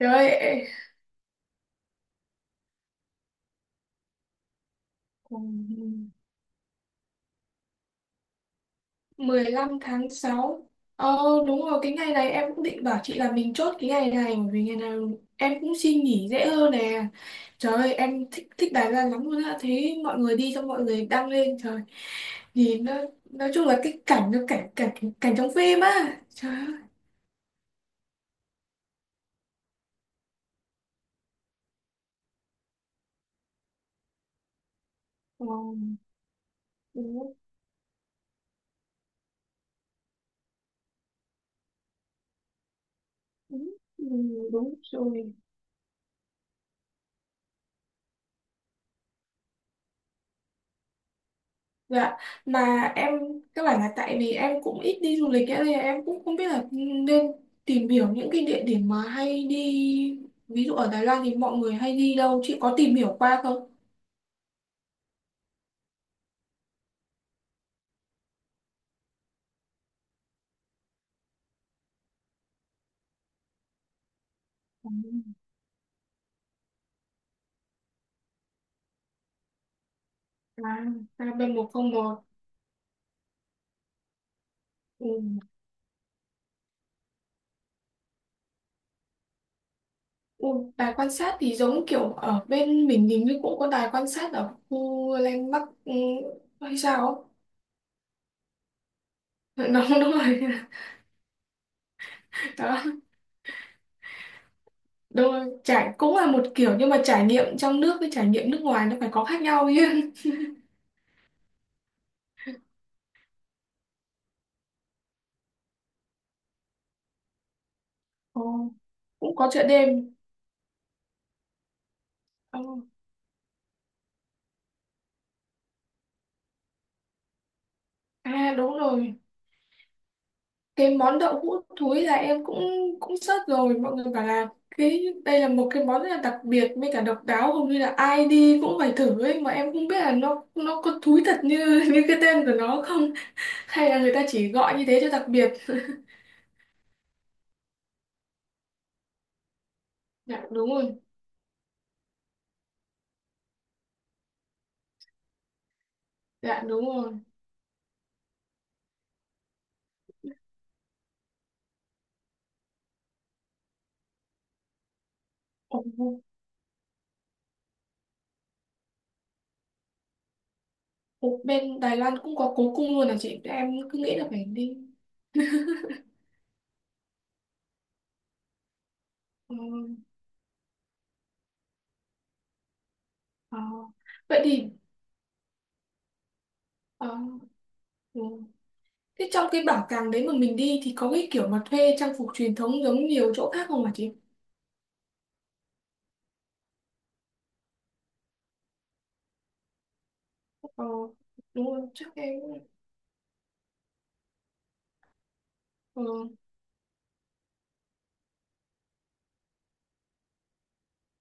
Rồi, 15 tháng 6. Ờ, đúng rồi, cái ngày này em cũng định bảo chị là mình chốt cái ngày này bởi vì ngày nào em cũng xin nghỉ dễ hơn nè. Trời ơi, em thích thích Đài Loan lắm luôn á. Thấy mọi người đi xong mọi người đăng lên trời. Nhìn nó nói chung là cái cảnh nó cảnh cảnh cảnh trong phim á. Trời ơi. Wow, đúng, đúng, đúng rồi. Dạ, mà em các bạn là tại vì em cũng ít đi du lịch ấy, nên là em cũng không biết là nên tìm hiểu những cái địa điểm mà hay đi, ví dụ ở Đài Loan thì mọi người hay đi đâu chị có tìm hiểu qua không? Ừ. À, à, bên 101. Ừ. Ừ, đài quan sát thì giống kiểu ở bên mình hình như cũng có đài quan sát ở khu Landmark, ừ, hay sao ấy. Đúng, đúng rồi. Đó, đúng rồi. Trải cũng là một kiểu nhưng mà trải nghiệm trong nước với trải nghiệm nước ngoài nó phải có khác nhau chứ. Ồ, cũng có chợ đêm. Ờ, à đúng rồi, cái món đậu hũ thúi là em cũng cũng search rồi, mọi người bảo là cái đây là một cái món rất là đặc biệt mới cả độc đáo, hầu như là ai đi cũng phải thử ấy, mà em không biết là nó có thúi thật như như cái tên của nó không, hay là người ta chỉ gọi như thế cho đặc biệt. Dạ đúng rồi. Dạ đúng rồi. Ồ, ồ, bên Đài Loan cũng có cố cung luôn à, chị em cứ nghĩ là phải đi. Ờ, ờ. Vậy thì ờ, ừ. Thế trong cái bảo tàng đấy mà mình đi thì có cái kiểu mà thuê trang phục truyền thống giống nhiều chỗ khác không hả chị? Ờ, đúng rồi, chắc em ờ,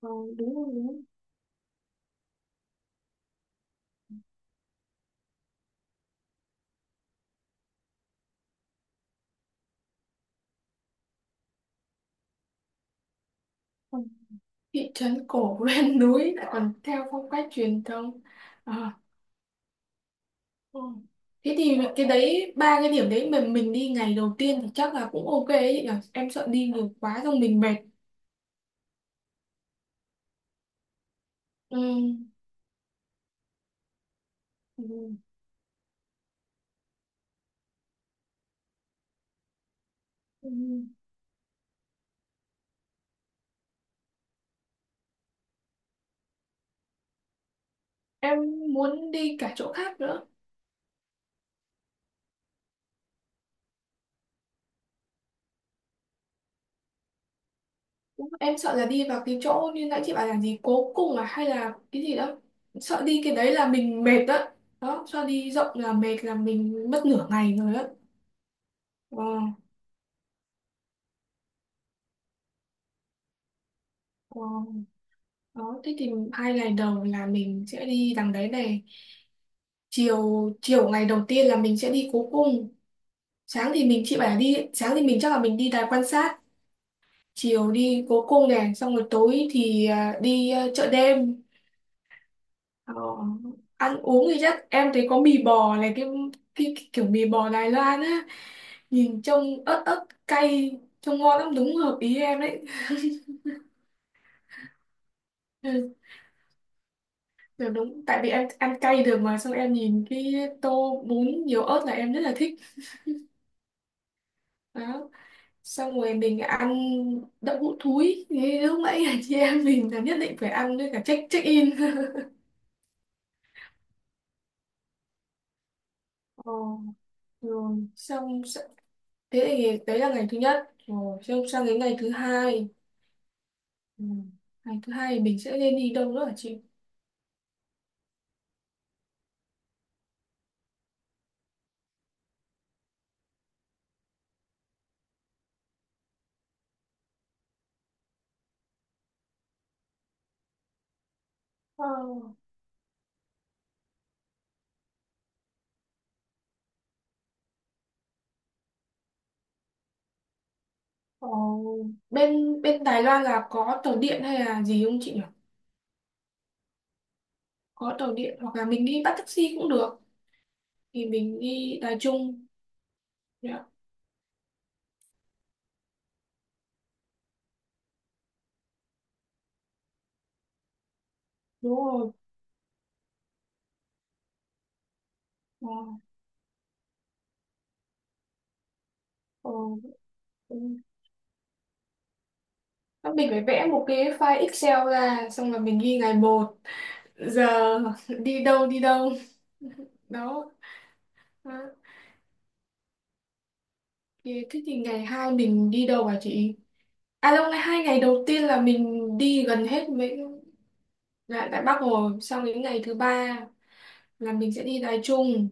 ờ, đúng rồi, đúng rồi. Ờ, thị trấn cổ ven núi lại còn theo phong cách truyền thống. Ờ, ờ. Thế thì cái đấy, ba cái điểm đấy mà mình đi ngày đầu tiên thì chắc là cũng ok ấy chị nhỉ? Em sợ đi nhiều quá xong mình mệt. Ừ, ừ, ừ. Em muốn đi cả chỗ khác nữa. Em sợ là đi vào cái chỗ như nãy chị bảo là gì cố cung à, hay là cái gì đó, sợ đi cái đấy là mình mệt đó. Đó, sợ đi rộng là mệt, là mình mất nửa ngày rồi đó. Ờ, ờ. Đó thế thì 2 ngày đầu là mình sẽ đi đằng đấy này, chiều chiều ngày đầu tiên là mình sẽ đi cố cung, sáng thì mình, chị bảo là đi sáng thì mình chắc là mình đi đài quan sát, chiều đi cố cung này, xong rồi tối thì à, đi à, chợ đêm. Ờ, ăn uống thì chắc em thấy có mì bò này, cái kiểu mì bò Đài Loan á, nhìn trông ớt ớt cay, trông ngon lắm, đúng hợp ý em đấy. Ừ, kiểu đúng, tại vì em ăn cay được, mà xong em nhìn cái tô bún nhiều ớt là em rất là thích đó. Xong rồi mình ăn đậu hũ thúi thì lúc nãy là chị em mình là nhất định phải ăn, với cả check check in. Ờ, rồi xong thế thì đấy là ngày thứ 1, rồi xong sang đến ngày thứ 2. Ừ. Ngày thứ 2 thì mình sẽ nên đi đâu nữa hả chị? Ờ, ờ, bên bên Đài Loan là có tàu điện hay là gì không chị nhỉ? Có tàu điện hoặc là mình đi bắt taxi cũng được. Thì mình đi Đài Trung. Dạ, đúng rồi. Ờ, ờ, ừ. Thế mình phải vẽ một cái file Excel ra, xong là mình ghi ngày một giờ đi đâu đi đâu. Đó. Đó. Thế thế thì ngày 2 mình đi đâu hả chị? À đâu, ngày hai ngày đầu tiên là mình đi gần hết mấy. Dạ, tại Bắc rồi. Xong đến ngày thứ 3 là mình sẽ đi Đài Trung,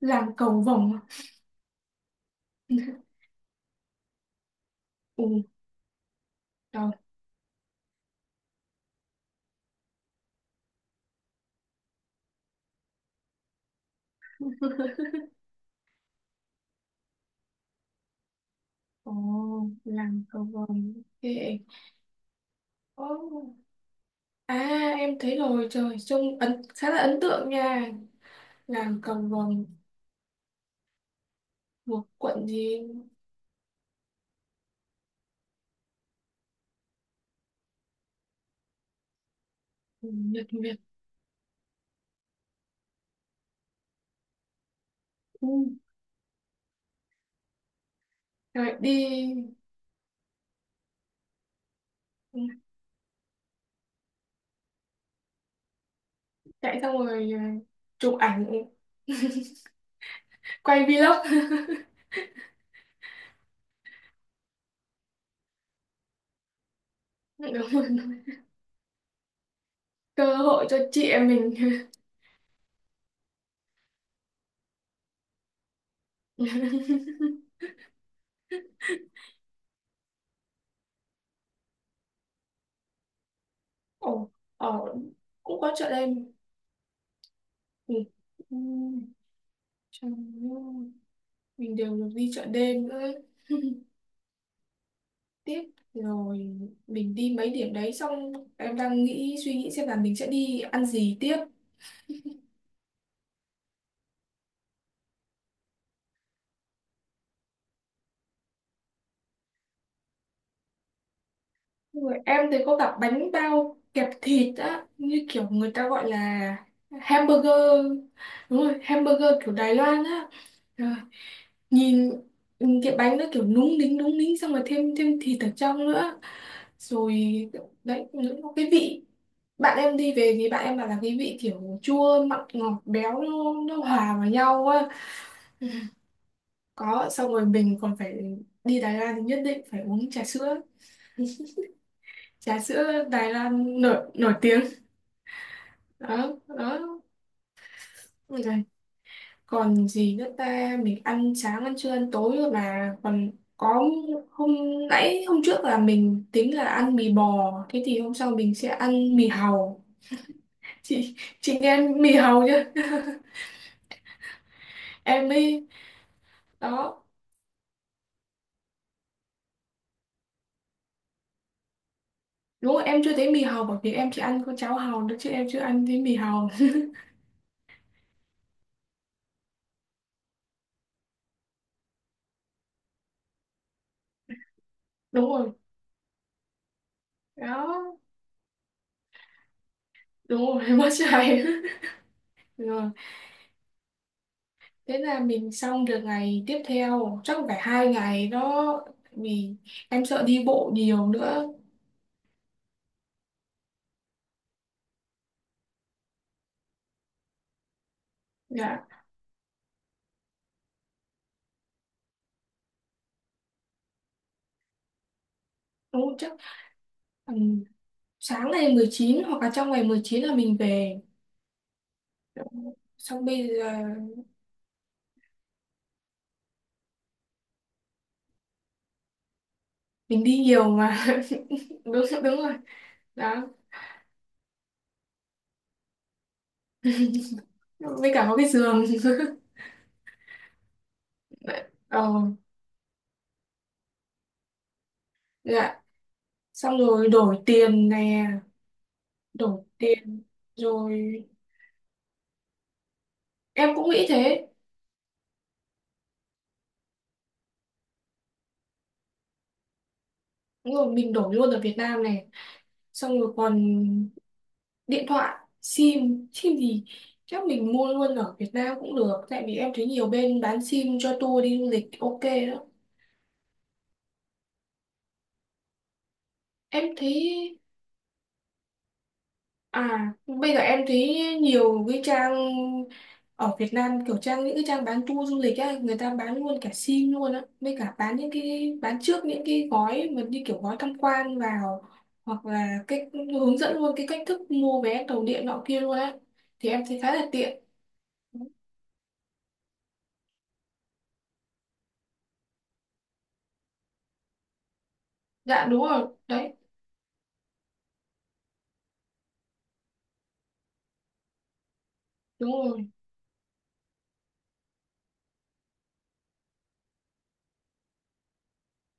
làng Cầu Vồng. À? Ừ, đó. Ồ, làng Cầu Vồng. Ok. Ồ. À, em thấy rồi. Trời, trông ấn, khá là ấn tượng nha. Làng Cầu Vồng thuộc quận gì? Ừ, Nhật Việt. Ừ. Rồi đi, ừ, chạy xong rồi ờ, chụp ảnh, quay vlog. Đúng rồi. Cơ hội cho chị em mình. Ồ, ồ, cũng có chợ đêm. Mình, ừm, chẳng nhớ. Mình đều được đi chợ đêm nữa ấy. Tiếp rồi mình đi mấy điểm đấy, xong em đang nghĩ suy nghĩ xem là mình sẽ đi ăn gì tiếp. Rồi em thấy có cả bánh bao kẹp thịt á, như kiểu người ta gọi là hamburger, đúng rồi, hamburger kiểu Đài Loan á. Rồi, nhìn nhìn cái bánh nó kiểu núng nính núng nính, xong rồi thêm thêm thịt ở trong nữa, rồi đấy những cái vị, bạn em đi về thì bạn em bảo là cái vị kiểu chua mặn ngọt béo nó hòa vào nhau quá. Có xong rồi mình còn phải, đi Đài Loan thì nhất định phải uống trà sữa, trà sữa Đài Loan nổi nổi tiếng. Đó, đó. Ôi giời. Còn gì nữa ta, mình ăn sáng ăn trưa ăn tối rồi mà còn có hôm, nãy hôm trước là mình tính là ăn mì bò thế thì hôm sau mình sẽ ăn mì hàu. chị chị nghe mì hàu chưa? Em mới đó. Đúng rồi, em chưa thấy mì hồng, bởi vì em chỉ ăn con cháo hồng thôi chứ em chưa ăn thấy mì hồng. Đúng rồi. Đó, đúng rồi. Em mất dạy. Rồi, thế là mình xong được ngày tiếp theo, chắc phải 2 ngày đó, vì em sợ đi bộ nhiều nữa. Dạ đúng rồi, chắc ừ, sáng ngày 19 hoặc là trong ngày 19 là mình về. Đó. Xong bây giờ mình đi nhiều mà. Đúng, đúng rồi đó, với cả có cái giường. Ờ, dạ, xong rồi đổi tiền nè. Đổi tiền, rồi em cũng nghĩ thế. Đúng rồi, mình đổi luôn ở Việt Nam này. Xong rồi còn điện thoại, sim sim gì chắc mình mua luôn ở Việt Nam cũng được, tại vì em thấy nhiều bên bán sim cho tour đi du lịch, ok đó. Em thấy, à, bây giờ em thấy nhiều cái trang ở Việt Nam, kiểu trang, những cái trang bán tour du lịch á, người ta bán luôn cả sim luôn á, với cả bán những cái, bán trước những cái gói mà như kiểu gói tham quan vào, hoặc là cách hướng dẫn luôn cái cách thức mua vé tàu điện nọ kia luôn á. Thì em thấy khá là tiện. Dạ đúng rồi, đấy, đúng rồi.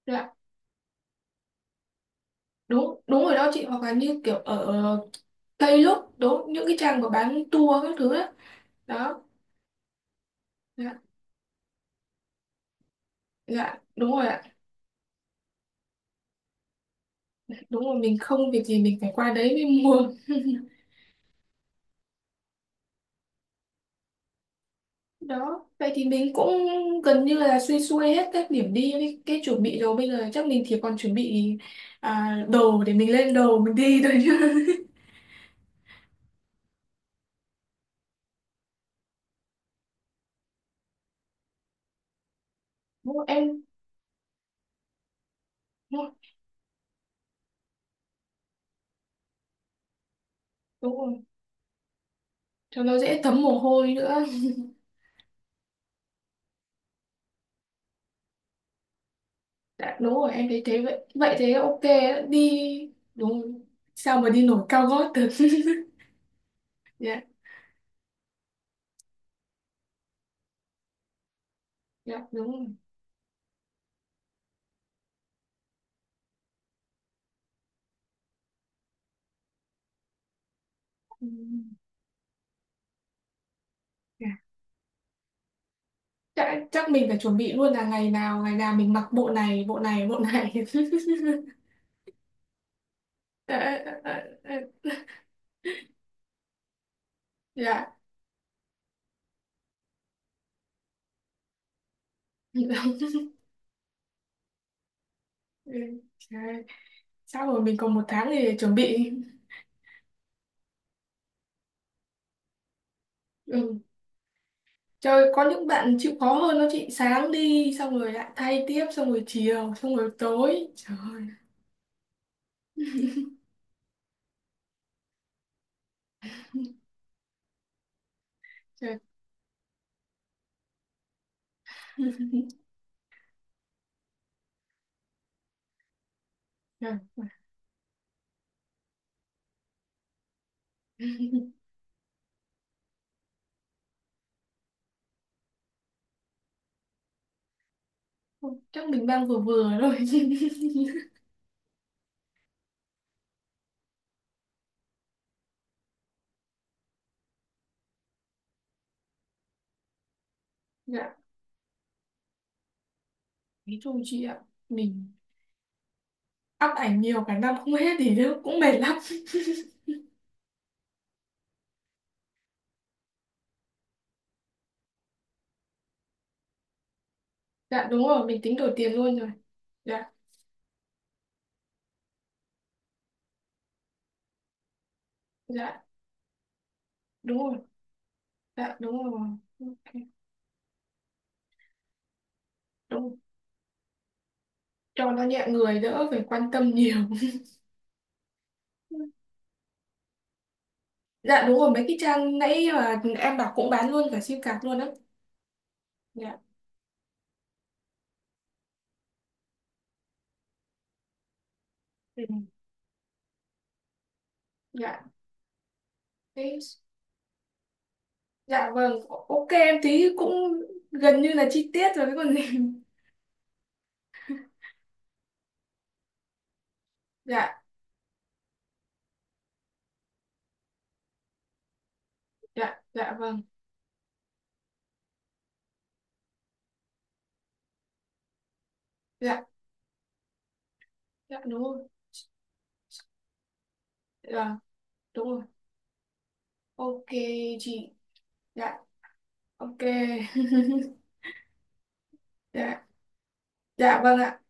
Dạ, đúng, đúng rồi đó chị, hoặc là như kiểu ở Tây Lúc, đúng, những cái trang mà bán tour các thứ á. Đó. Dạ, dạ đúng rồi ạ. Đúng rồi, mình không việc gì mình phải qua đấy mới mua. Đó vậy thì mình cũng gần như là xuôi xuôi hết các điểm đi với cái chuẩn bị rồi, bây giờ chắc mình chỉ còn chuẩn bị à, đồ để mình lên đồ mình đi thôi chứ. Đúng rồi, em, đúng rồi, đúng rồi. Cho nó dễ thấm mồ hôi nữa. Đã, đúng rồi em thấy thế, vậy vậy thế ok đấy, đi đúng rồi. Sao mà đi nổi cao gót được. Dạ, dạ đúng rồi. Ừm, dạ. Chắc mình phải chuẩn bị luôn là ngày nào mình mặc bộ này bộ này bộ này. Ờ, ờ, ờ, ờ, dạ. Ừ, trời. Chắc rồi mình còn 1 tháng để chuẩn bị. Ừ. Trời, có những bạn chịu khó hơn đó chị, sáng đi xong rồi lại thay tiếp, xong rồi chiều, xong rồi tối, trời ơi, trời. Trời ơi. Chắc mình đang vừa vừa thôi. Dạ, nói chung chị ạ, mình up ảnh nhiều cả năm không hết thì nó cũng mệt lắm. Dạ đúng rồi, mình tính đổi tiền luôn rồi. Dạ. Dạ đúng rồi. Dạ đúng rồi. Ok, đúng rồi. Cho nó nhẹ người đỡ phải quan tâm nhiều. Dạ đúng rồi, mấy cái trang nãy mà em bảo cũng bán luôn cả sim card luôn á. Dạ. Ừ. Dạ, thế. Dạ vâng, ok, em thấy cũng gần như là chi tiết rồi cái còn gì. Dạ, dạ, dạ vâng. Dạ, dạ đúng rồi. Dạ đúng rồi. Ok chị. Dạ. Ok. Dạ. Dạ vâng ạ.